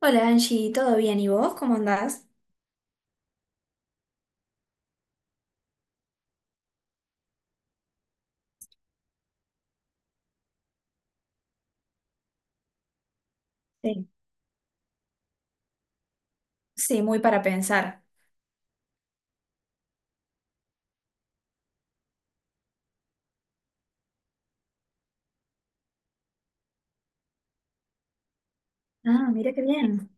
Hola Angie, ¿todo bien? ¿Y vos cómo andás? Sí. Sí, muy para pensar. Ah, mira qué bien.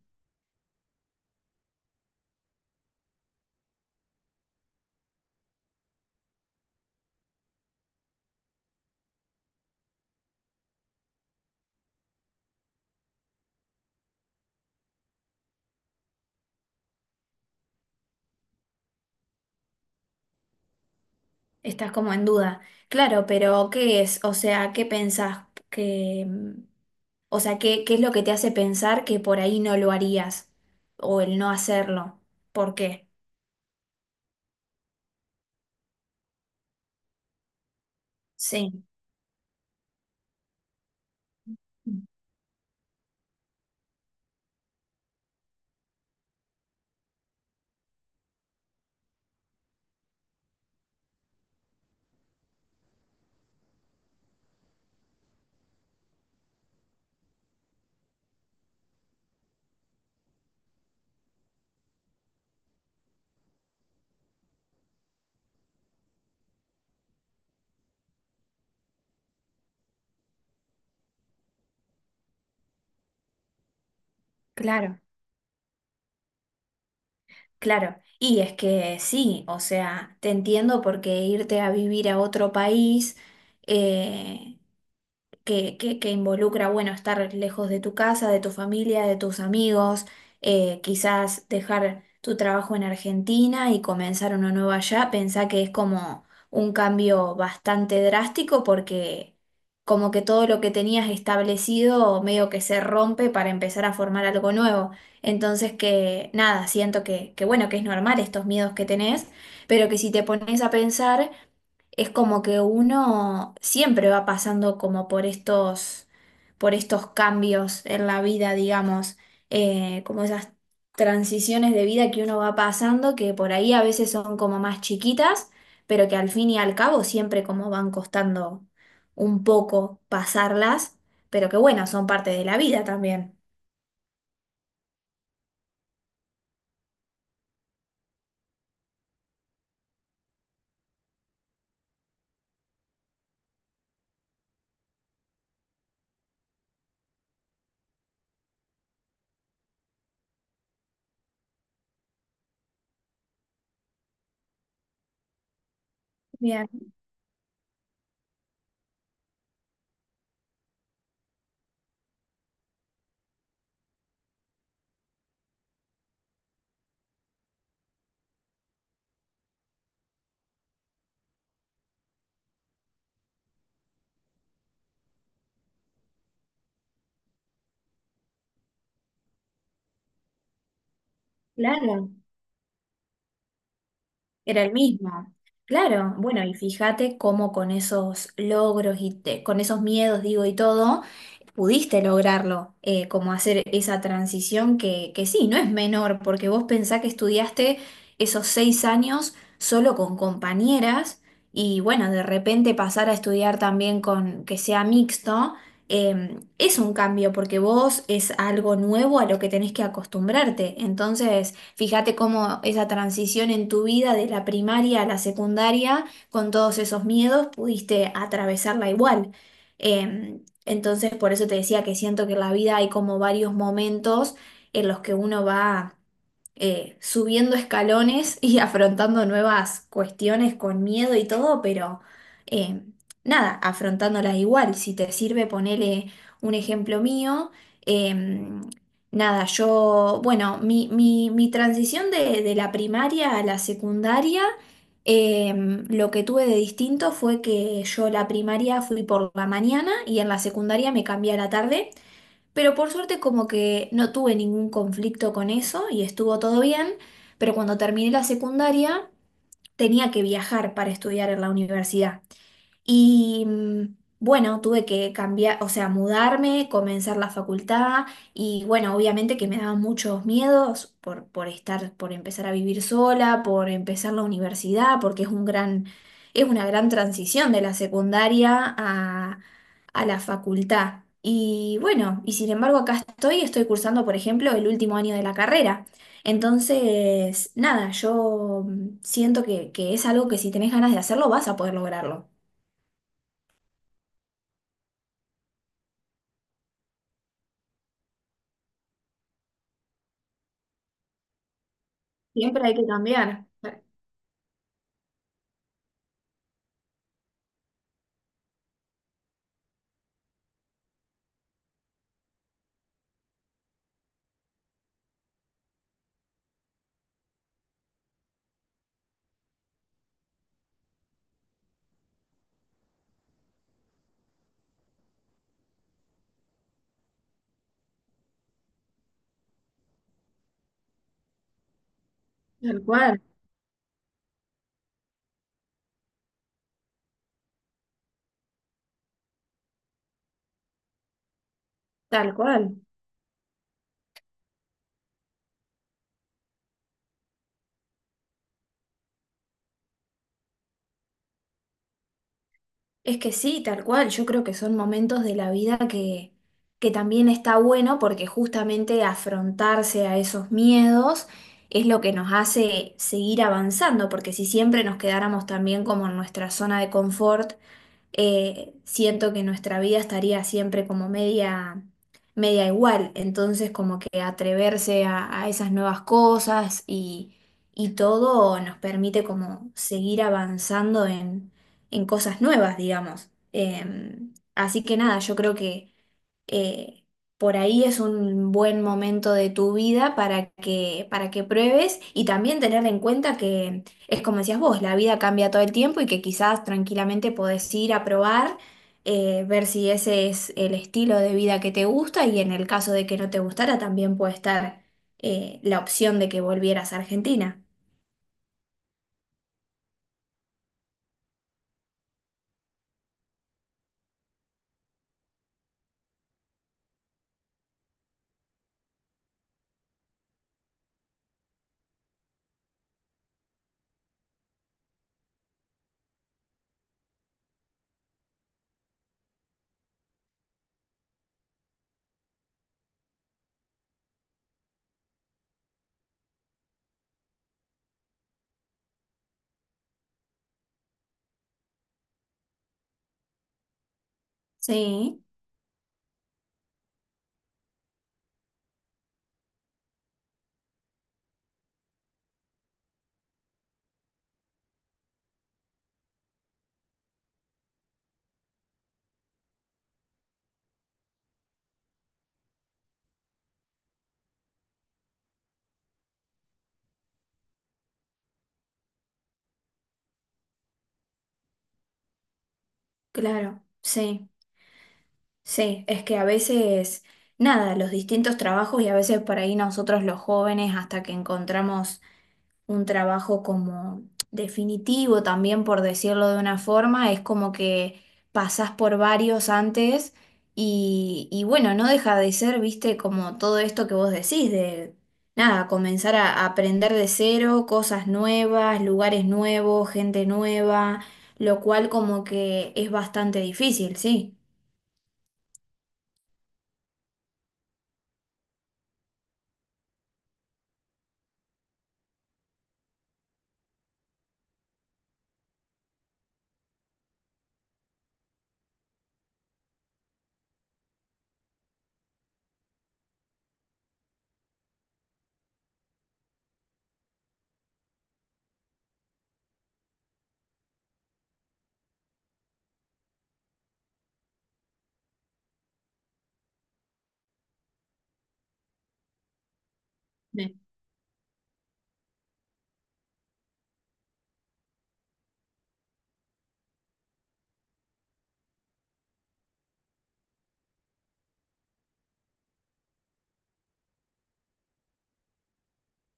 Estás como en duda. Claro, pero ¿qué es? O sea, ¿qué pensás? que mm, o sea, ¿qué es lo que te hace pensar que por ahí no lo harías? O el no hacerlo. ¿Por qué? Sí, claro, claro. Y es que sí, o sea, te entiendo porque irte a vivir a otro país, eh, que involucra, bueno, estar lejos de tu casa, de tu familia, de tus amigos, quizás dejar tu trabajo en Argentina y comenzar uno nuevo allá. Pensá que es como un cambio bastante drástico, porque como que todo lo que tenías establecido medio que se rompe para empezar a formar algo nuevo. Entonces, que nada, siento que bueno, que es normal estos miedos que tenés, pero que si te pones a pensar, es como que uno siempre va pasando como por estos cambios en la vida, digamos, como esas transiciones de vida que uno va pasando, que por ahí a veces son como más chiquitas, pero que al fin y al cabo siempre como van costando un poco pasarlas, pero que bueno, son parte de la vida también. Bien. Claro, era el mismo. Claro, bueno, y fíjate cómo con esos logros y con esos miedos, digo, y todo, pudiste lograrlo, como hacer esa transición que sí, no es menor, porque vos pensás que estudiaste esos 6 años solo con compañeras y bueno, de repente pasar a estudiar también con que sea mixto, es un cambio porque vos es algo nuevo a lo que tenés que acostumbrarte. Entonces, fíjate cómo esa transición en tu vida de la primaria a la secundaria, con todos esos miedos, pudiste atravesarla igual. Em, entonces, por eso te decía que siento que en la vida hay como varios momentos en los que uno va subiendo escalones y afrontando nuevas cuestiones con miedo y todo, pero eh, nada, afrontándolas igual. Si te sirve, ponele un ejemplo mío. em, Nada, yo, bueno, mi transición de la primaria a la secundaria. Lo que tuve de distinto fue que yo la primaria fui por la mañana y en la secundaria me cambié a la tarde, pero por suerte como que no tuve ningún conflicto con eso y estuvo todo bien. Pero cuando terminé la secundaria, tenía que viajar para estudiar en la universidad. Y mm, bueno, tuve que cambiar, o sea, mudarme, comenzar la facultad y bueno, obviamente que me daban muchos miedos por estar, por empezar a vivir sola, por empezar la universidad, porque es un gran, es una gran transición de la secundaria a la facultad. Y bueno, y sin embargo acá estoy, estoy cursando, por ejemplo, el último año de la carrera. Entonces, nada, yo mm, siento que es algo que si tenés ganas de hacerlo, vas a poder lograrlo. Siempre hay que cambiar, tal cual, tal cual. Es que sí, tal cual. Yo creo que son momentos de la vida que también está bueno porque justamente afrontarse a esos miedos es lo que nos hace seguir avanzando, porque si siempre nos quedáramos también como en nuestra zona de confort, siento que nuestra vida estaría siempre como media igual. Entonces, como que atreverse a esas nuevas cosas y todo nos permite como seguir avanzando en cosas nuevas, digamos. Así que nada, yo creo que eh, por ahí es un buen momento de tu vida para que pruebes y también tener en cuenta que es como decías vos, la vida cambia todo el tiempo y que quizás tranquilamente podés ir a probar, ver si ese es el estilo de vida que te gusta, y en el caso de que no te gustara, también puede estar la opción de que volvieras a Argentina. Sí, claro, sí. Sí, es que a veces, nada, los distintos trabajos y a veces por ahí nosotros los jóvenes hasta que encontramos un trabajo como definitivo también, por decirlo de una forma, es como que pasás por varios antes, y bueno, no deja de ser, viste, como todo esto que vos decís de, nada, comenzar a aprender de cero, cosas nuevas, lugares nuevos, gente nueva, lo cual como que es bastante difícil, sí.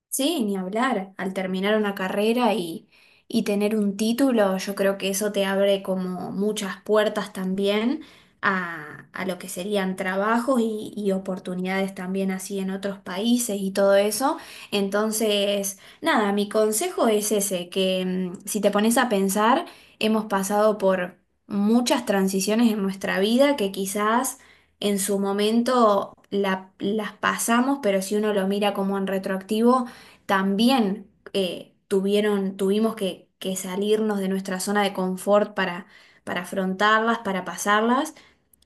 Sí, ni hablar. Al terminar una carrera y tener un título, yo creo que eso te abre como muchas puertas también a lo que serían trabajos y oportunidades también así en otros países y todo eso. Entonces, nada, mi consejo es ese, que mm, si te pones a pensar, hemos pasado por muchas transiciones en nuestra vida que quizás... En su momento las pasamos, pero si uno lo mira como en retroactivo, también tuvimos que salirnos de nuestra zona de confort para afrontarlas, para pasarlas,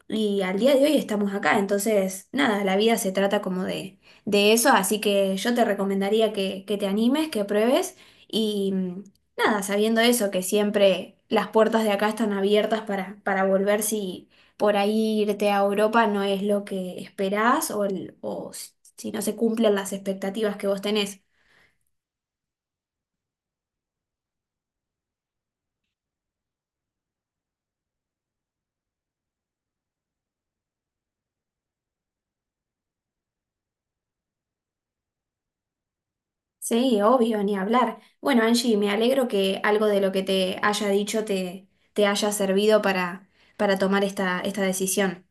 y al día de hoy estamos acá. Entonces, nada, la vida se trata como de eso, así que yo te recomendaría que te animes, que pruebes, y mm, nada, sabiendo eso, que siempre las puertas de acá están abiertas para volver si... Por ahí irte a Europa no es lo que esperás o, o si si no se cumplen las expectativas que vos tenés. Sí, obvio, ni hablar. Bueno, Angie, me alegro que algo de lo que te haya dicho te haya servido para tomar esta decisión.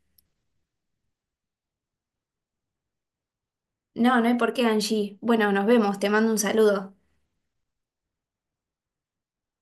No, no hay por qué, Angie. Bueno, nos vemos, te mando un saludo.